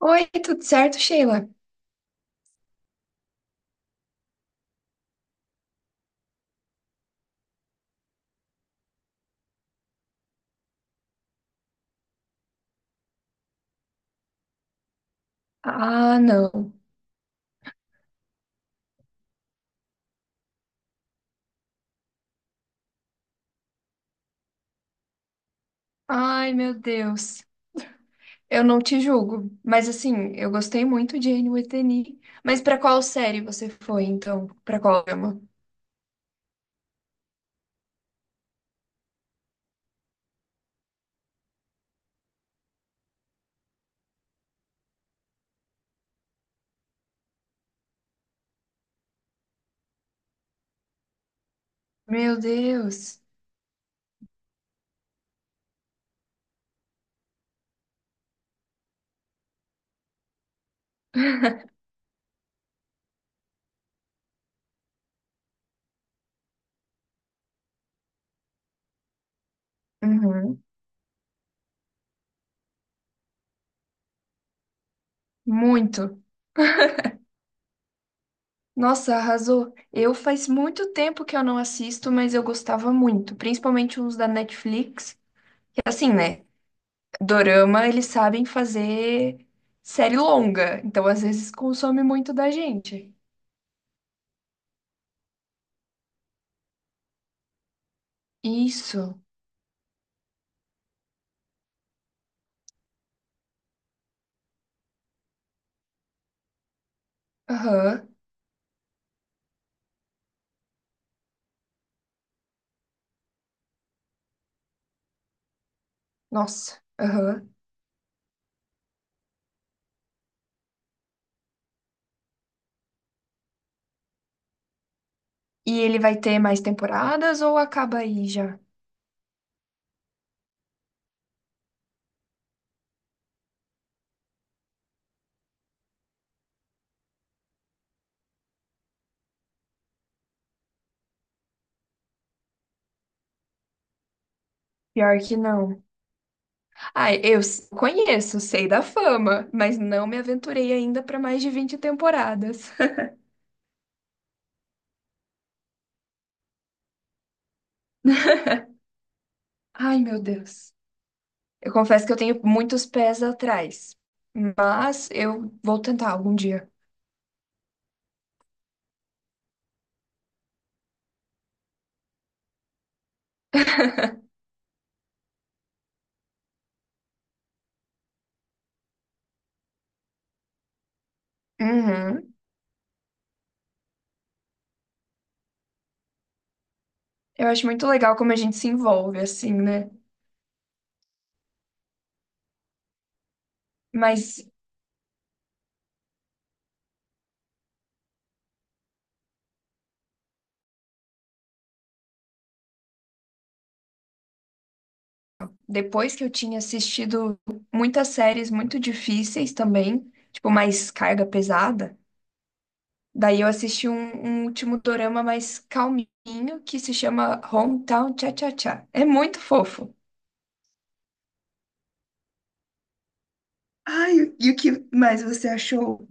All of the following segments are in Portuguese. Oi, tudo certo, Sheila? Ah, não. Ai, meu Deus. Eu não te julgo, mas assim, eu gostei muito de Anne with an E. Mas pra qual série você foi, então? Pra qual drama? Meu Deus. Uhum. Muito. Nossa, arrasou. Eu faz muito tempo que eu não assisto, mas eu gostava muito, principalmente uns da Netflix. Que assim, né? Dorama, eles sabem fazer série longa, então às vezes consome muito da gente. Isso. Aham. Nossa. Aham. E ele vai ter mais temporadas ou acaba aí já? Pior que não. Ah, conheço, sei da fama, mas não me aventurei ainda para mais de 20 temporadas. Ai, meu Deus. Eu confesso que eu tenho muitos pés atrás, mas eu vou tentar algum dia. Uhum. Eu acho muito legal como a gente se envolve assim, né? Mas depois que eu tinha assistido muitas séries muito difíceis também, tipo, mais carga pesada. Daí eu assisti um último dorama mais calminho que se chama Hometown Cha-Cha-Cha. É muito fofo. Ai, e o que mais você achou?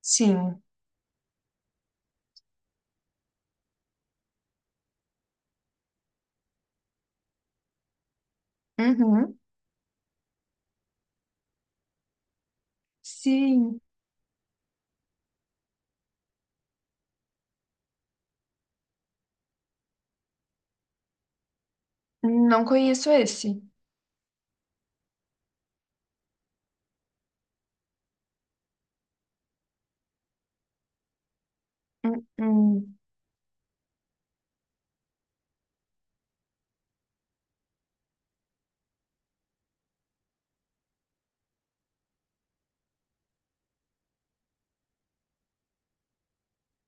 Sim. Uhum. Sim. Não conheço esse. Uhum.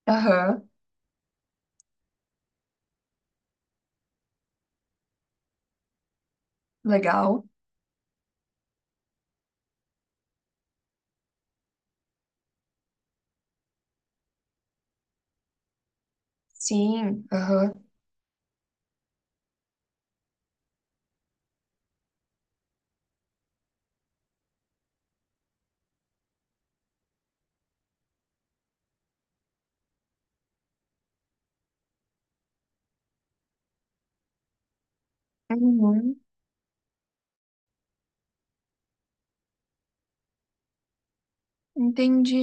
Aham. Legal. Sim. Aham. Uhum. Entendi.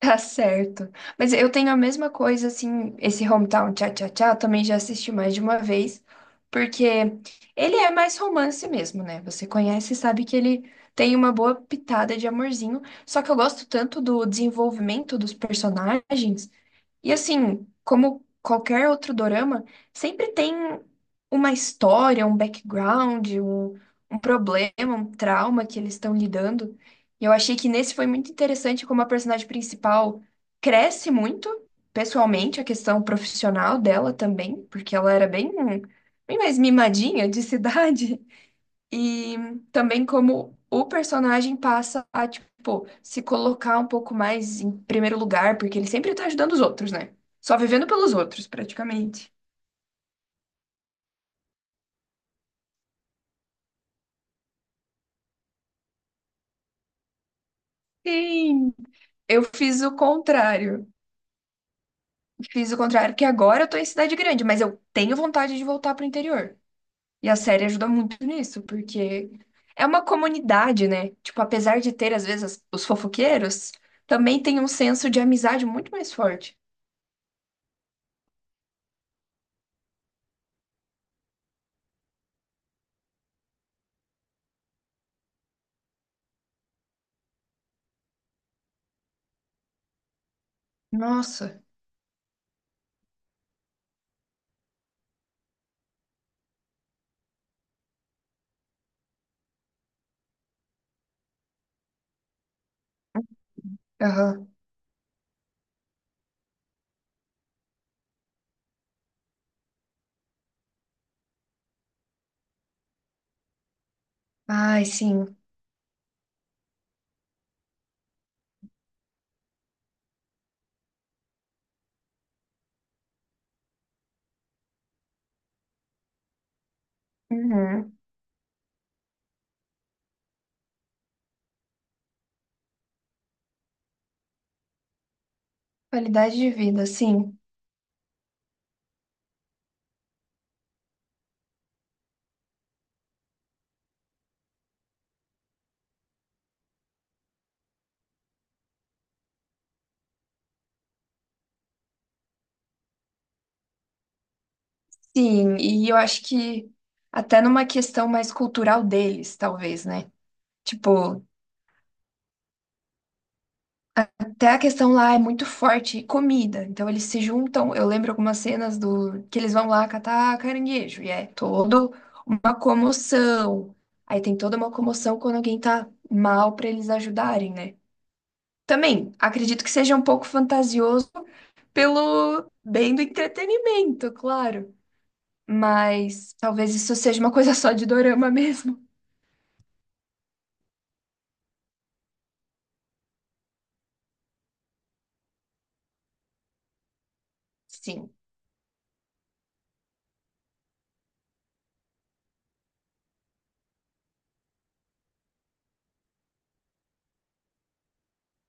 Tá certo. Mas eu tenho a mesma coisa, assim, esse Hometown Cha-Cha-Cha, eu também já assisti mais de uma vez, porque ele é mais romance mesmo, né? Você conhece e sabe que ele tem uma boa pitada de amorzinho, só que eu gosto tanto do desenvolvimento dos personagens, e assim, como qualquer outro dorama, sempre tem uma história, um background, um problema, um trauma que eles estão lidando. Eu achei que nesse foi muito interessante como a personagem principal cresce muito, pessoalmente, a questão profissional dela também, porque ela era bem mais mimadinha de cidade. E também como o personagem passa a, tipo, se colocar um pouco mais em primeiro lugar, porque ele sempre tá ajudando os outros, né? Só vivendo pelos outros, praticamente. Sim. Eu fiz o contrário. Fiz o contrário, que agora eu tô em cidade grande, mas eu tenho vontade de voltar pro interior. E a série ajuda muito nisso, porque é uma comunidade, né? Tipo, apesar de ter, às vezes, os fofoqueiros, também tem um senso de amizade muito mais forte. Nossa. Aham. Ai, sim. Uhum. Qualidade de vida, sim. Sim, e eu acho que até numa questão mais cultural deles, talvez, né? Tipo, até a questão lá é muito forte, comida. Então eles se juntam. Eu lembro algumas cenas do que eles vão lá catar caranguejo. E é toda uma comoção. Aí tem toda uma comoção quando alguém tá mal pra eles ajudarem, né? Também acredito que seja um pouco fantasioso pelo bem do entretenimento, claro. Mas talvez isso seja uma coisa só de dorama mesmo. Sim,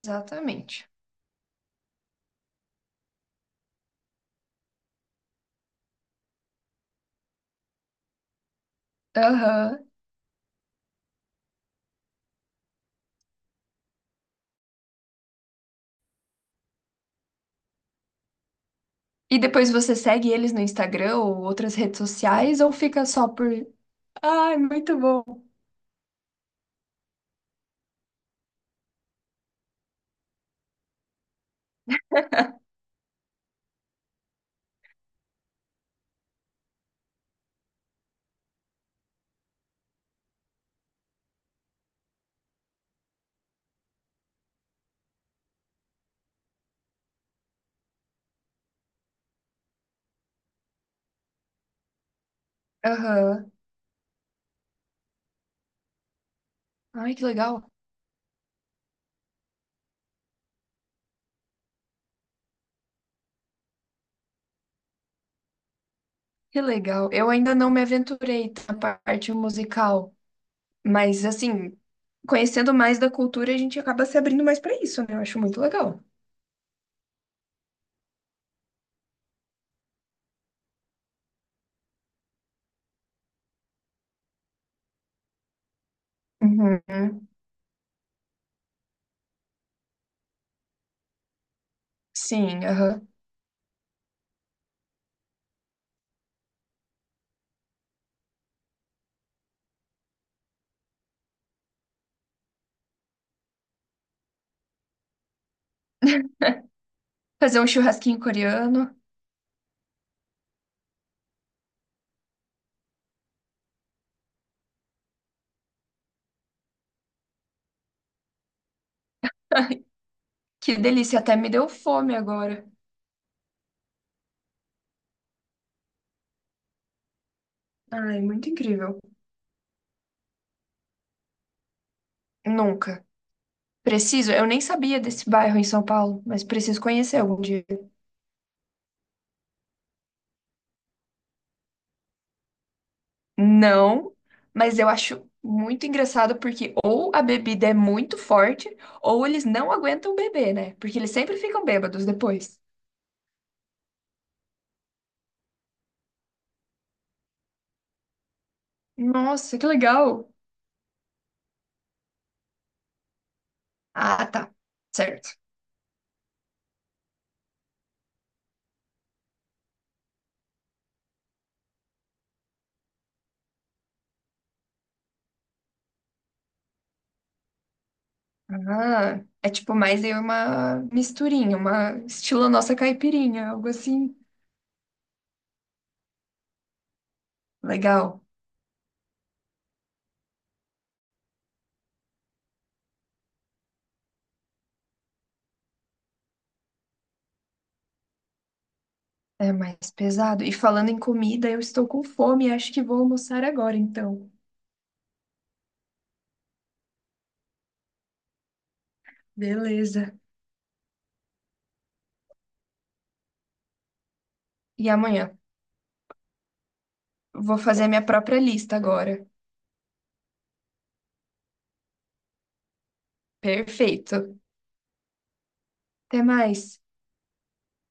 exatamente. Aham. E depois você segue eles no Instagram ou outras redes sociais ou fica só por. Ai, muito bom. Aham. Ai, que legal. Que legal. Eu ainda não me aventurei na parte musical, mas assim, conhecendo mais da cultura, a gente acaba se abrindo mais pra isso, né? Eu acho muito legal. Uhum. Sim, aham. Fazer um churrasquinho coreano. Que delícia, até me deu fome agora. Ai, muito incrível. Nunca. Preciso, eu nem sabia desse bairro em São Paulo, mas preciso conhecer algum dia. Não, mas eu acho muito engraçado porque ou a bebida é muito forte, ou eles não aguentam beber, né? Porque eles sempre ficam bêbados depois. Nossa, que legal! Ah, tá. Certo. Ah, é tipo mais aí uma misturinha, uma estilo nossa caipirinha, algo assim. Legal. É mais pesado. E falando em comida, eu estou com fome e acho que vou almoçar agora, então. Beleza. E amanhã? Vou fazer a minha própria lista agora. Perfeito. Até mais.